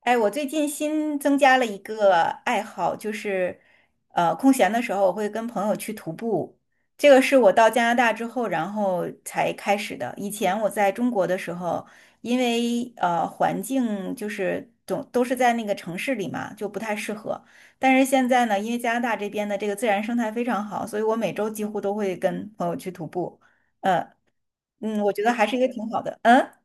哎，我最近新增加了一个爱好，就是，空闲的时候我会跟朋友去徒步。这个是我到加拿大之后，然后才开始的。以前我在中国的时候，因为环境就是总都是在那个城市里嘛，就不太适合。但是现在呢，因为加拿大这边的这个自然生态非常好，所以我每周几乎都会跟朋友去徒步。呃，嗯，我觉得还是一个挺好的。嗯。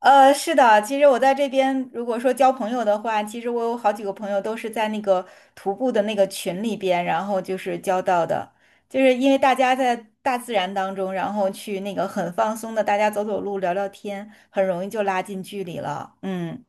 是的，其实我在这边，如果说交朋友的话，其实我有好几个朋友都是在那个徒步的那个群里边，然后就是交到的，就是因为大家在大自然当中，然后去那个很放松的，大家走走路、聊聊天，很容易就拉近距离了。嗯。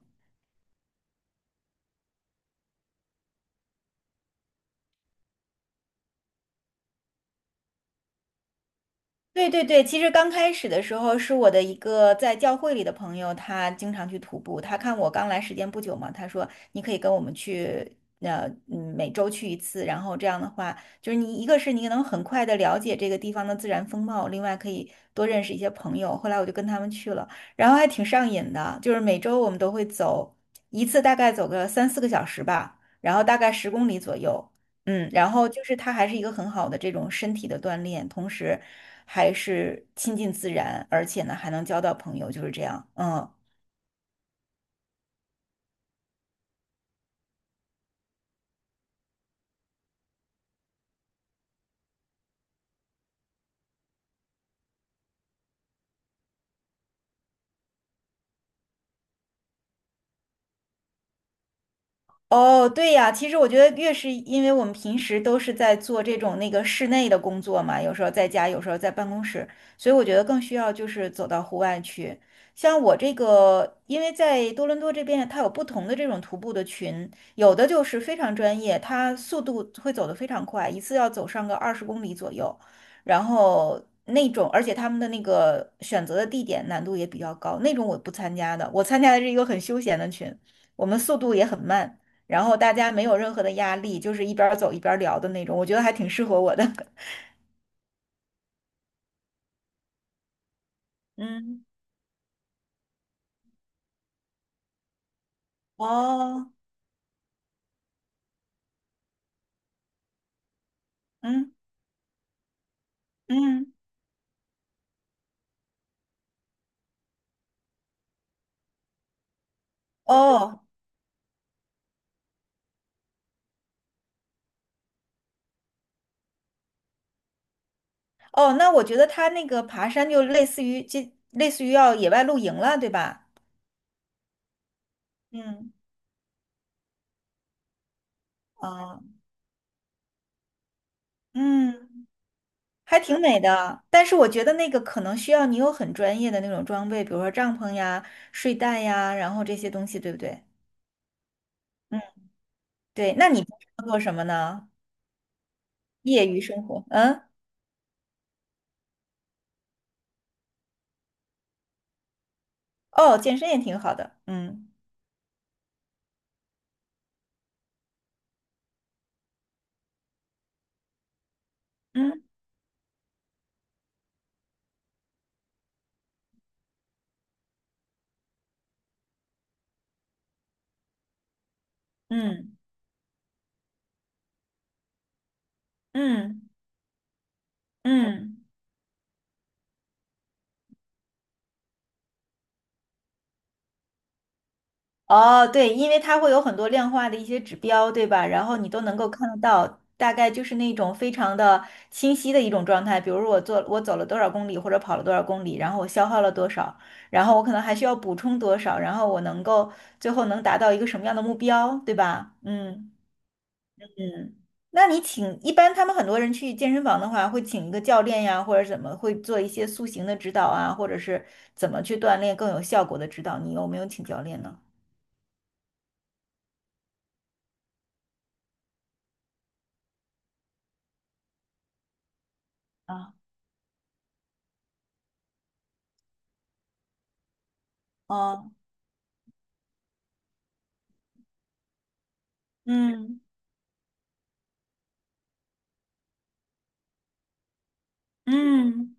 对对对，其实刚开始的时候是我的一个在教会里的朋友，他经常去徒步。他看我刚来时间不久嘛，他说你可以跟我们去，每周去一次。然后这样的话，就是你一个是你能很快的了解这个地方的自然风貌，另外可以多认识一些朋友。后来我就跟他们去了，然后还挺上瘾的，就是每周我们都会走一次，大概走个三四个小时吧，然后大概十公里左右。然后就是它还是一个很好的这种身体的锻炼，同时还是亲近自然，而且呢还能交到朋友，就是这样。嗯，哦，对呀，其实我觉得越是因为我们平时都是在做这种那个室内的工作嘛，有时候在家，有时候在办公室，所以我觉得更需要就是走到户外去。像我这个，因为在多伦多这边，它有不同的这种徒步的群，有的就是非常专业，它速度会走得非常快，一次要走上个20公里左右，然后那种，而且他们的那个选择的地点难度也比较高，那种我不参加的，我参加的是一个很休闲的群，我们速度也很慢。然后大家没有任何的压力，就是一边儿走一边儿聊的那种，我觉得还挺适合我的。嗯，哦，嗯嗯，哦哦，那我觉得他那个爬山就类似于这，类似于要野外露营了，对吧？嗯，啊，嗯，还挺美的。但是我觉得那个可能需要你有很专业的那种装备，比如说帐篷呀、睡袋呀，然后这些东西，对不对？嗯，对。那你平常做什么呢？业余生活，嗯，哦，健身也挺好的，嗯。嗯。嗯嗯嗯，哦，对，因为它会有很多量化的一些指标，对吧？然后你都能够看得到，大概就是那种非常的清晰的一种状态。比如说我走了多少公里，或者跑了多少公里，然后我消耗了多少，然后我可能还需要补充多少，然后我能够最后能达到一个什么样的目标，对吧？嗯。嗯，那你请，一般他们很多人去健身房的话，会请一个教练呀，或者怎么，会做一些塑形的指导啊，或者是怎么去锻炼更有效果的指导，你有没有请教练呢？啊，哦，嗯嗯。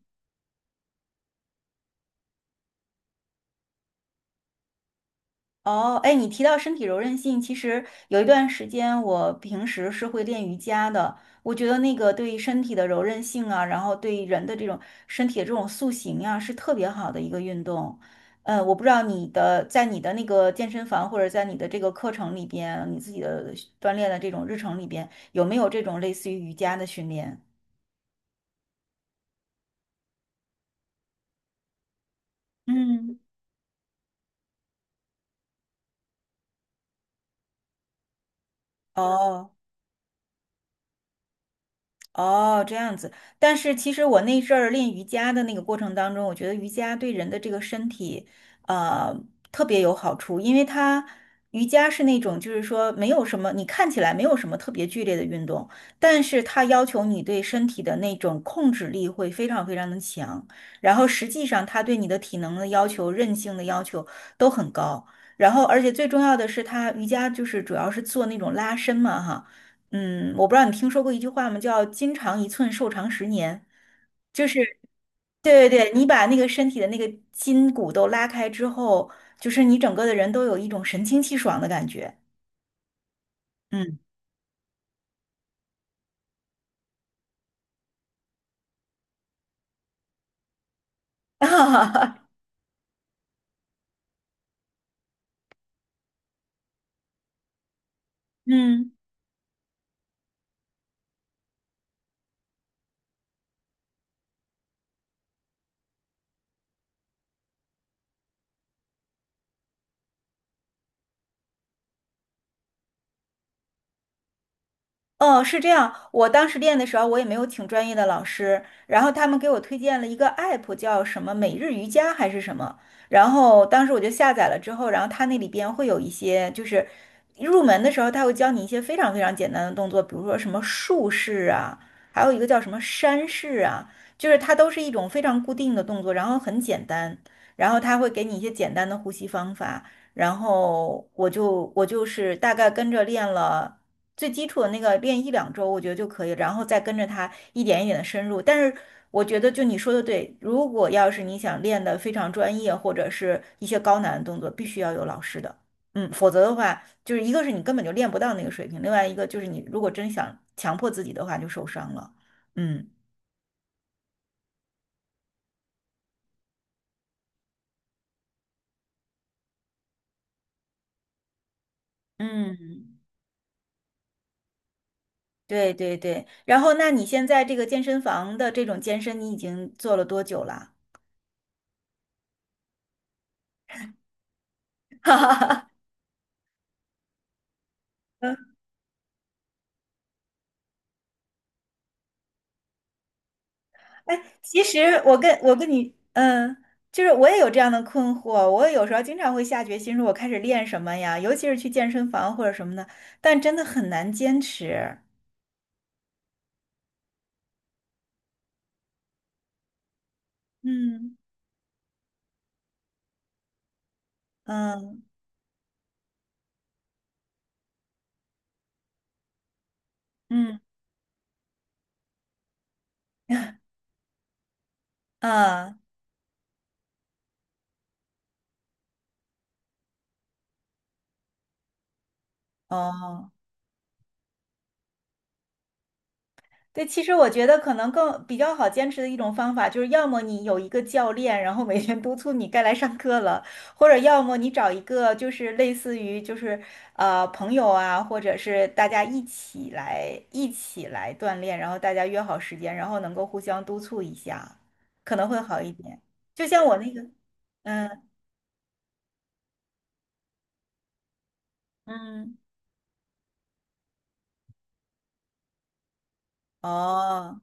哦，哎，你提到身体柔韧性，其实有一段时间我平时是会练瑜伽的。我觉得那个对身体的柔韧性啊，然后对人的这种身体的这种塑形呀，是特别好的一个运动。我不知道在你的那个健身房或者在你的这个课程里边，你自己的锻炼的这种日程里边，有没有这种类似于瑜伽的训练？嗯。哦。哦，这样子。但是其实我那阵儿练瑜伽的那个过程当中，我觉得瑜伽对人的这个身体，呃，特别有好处，因为它瑜伽是那种就是说没有什么，你看起来没有什么特别剧烈的运动，但是它要求你对身体的那种控制力会非常非常的强，然后实际上它对你的体能的要求、韧性的要求都很高。然后，而且最重要的是，它瑜伽就是主要是做那种拉伸嘛，哈。嗯，我不知道你听说过一句话吗？叫“筋长一寸，寿长十年”，就是对对对，你把那个身体的那个筋骨都拉开之后，就是你整个的人都有一种神清气爽的感觉。嗯，嗯，哦，是这样。我当时练的时候，我也没有请专业的老师，然后他们给我推荐了一个 app，叫什么每日瑜伽还是什么。然后当时我就下载了之后，然后它那里边会有一些，就是入门的时候，它会教你一些非常非常简单的动作，比如说什么竖式啊，还有一个叫什么山式啊，就是它都是一种非常固定的动作，然后很简单，然后它会给你一些简单的呼吸方法。然后我就是大概跟着练了。最基础的那个练一两周，我觉得就可以，然后再跟着他一点一点的深入。但是我觉得，就你说的对，如果要是你想练的非常专业，或者是一些高难的动作，必须要有老师的，嗯，否则的话，就是一个是你根本就练不到那个水平，另外一个就是你如果真想强迫自己的话，就受伤了，嗯。嗯，对对对，然后那你现在这个健身房的这种健身，你已经做了多久啦？哈哈哈哎，其实我跟你，嗯，就是我也有这样的困惑，我有时候经常会下决心说，我开始练什么呀，尤其是去健身房或者什么的，但真的很难坚持。嗯嗯嗯嗯，哦。对，其实我觉得可能更比较好坚持的一种方法，就是要么你有一个教练，然后每天督促你该来上课了，或者要么你找一个就是类似于就是朋友啊，或者是大家一起来锻炼，然后大家约好时间，然后能够互相督促一下，可能会好一点。就像我那个，嗯嗯，哦。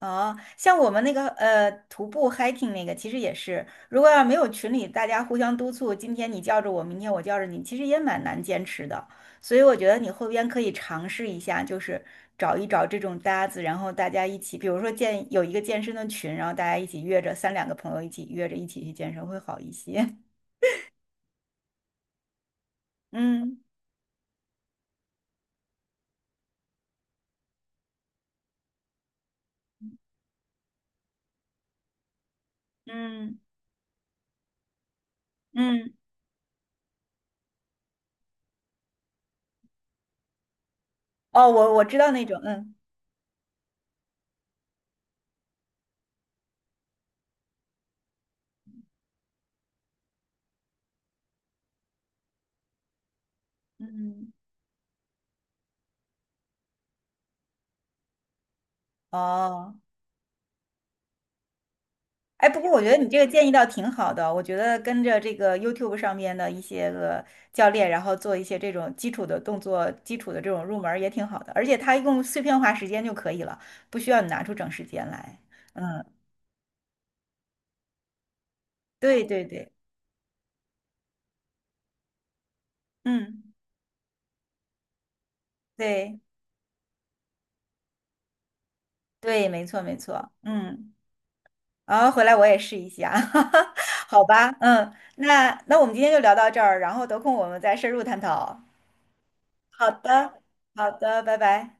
哦，像我们那个徒步 hiking 那个，其实也是，如果要没有群里大家互相督促，今天你叫着我，明天我叫着你，其实也蛮难坚持的。所以我觉得你后边可以尝试一下，就是找一找这种搭子，然后大家一起，比如说建有一个健身的群，然后大家一起约着三两个朋友一起约着一起去健身会好一些。嗯嗯嗯，哦，我知道那种，嗯嗯，哦。哎，不过我觉得你这个建议倒挺好的，我觉得跟着这个 YouTube 上面的一些个教练，然后做一些这种基础的动作、基础的这种入门儿也挺好的，而且它用碎片化时间就可以了，不需要你拿出整时间来。嗯，对对对，嗯，对对，没错没错，嗯，然后回来我也试一下，好吧，嗯，那我们今天就聊到这儿，然后得空我们再深入探讨。好的，好的，拜拜。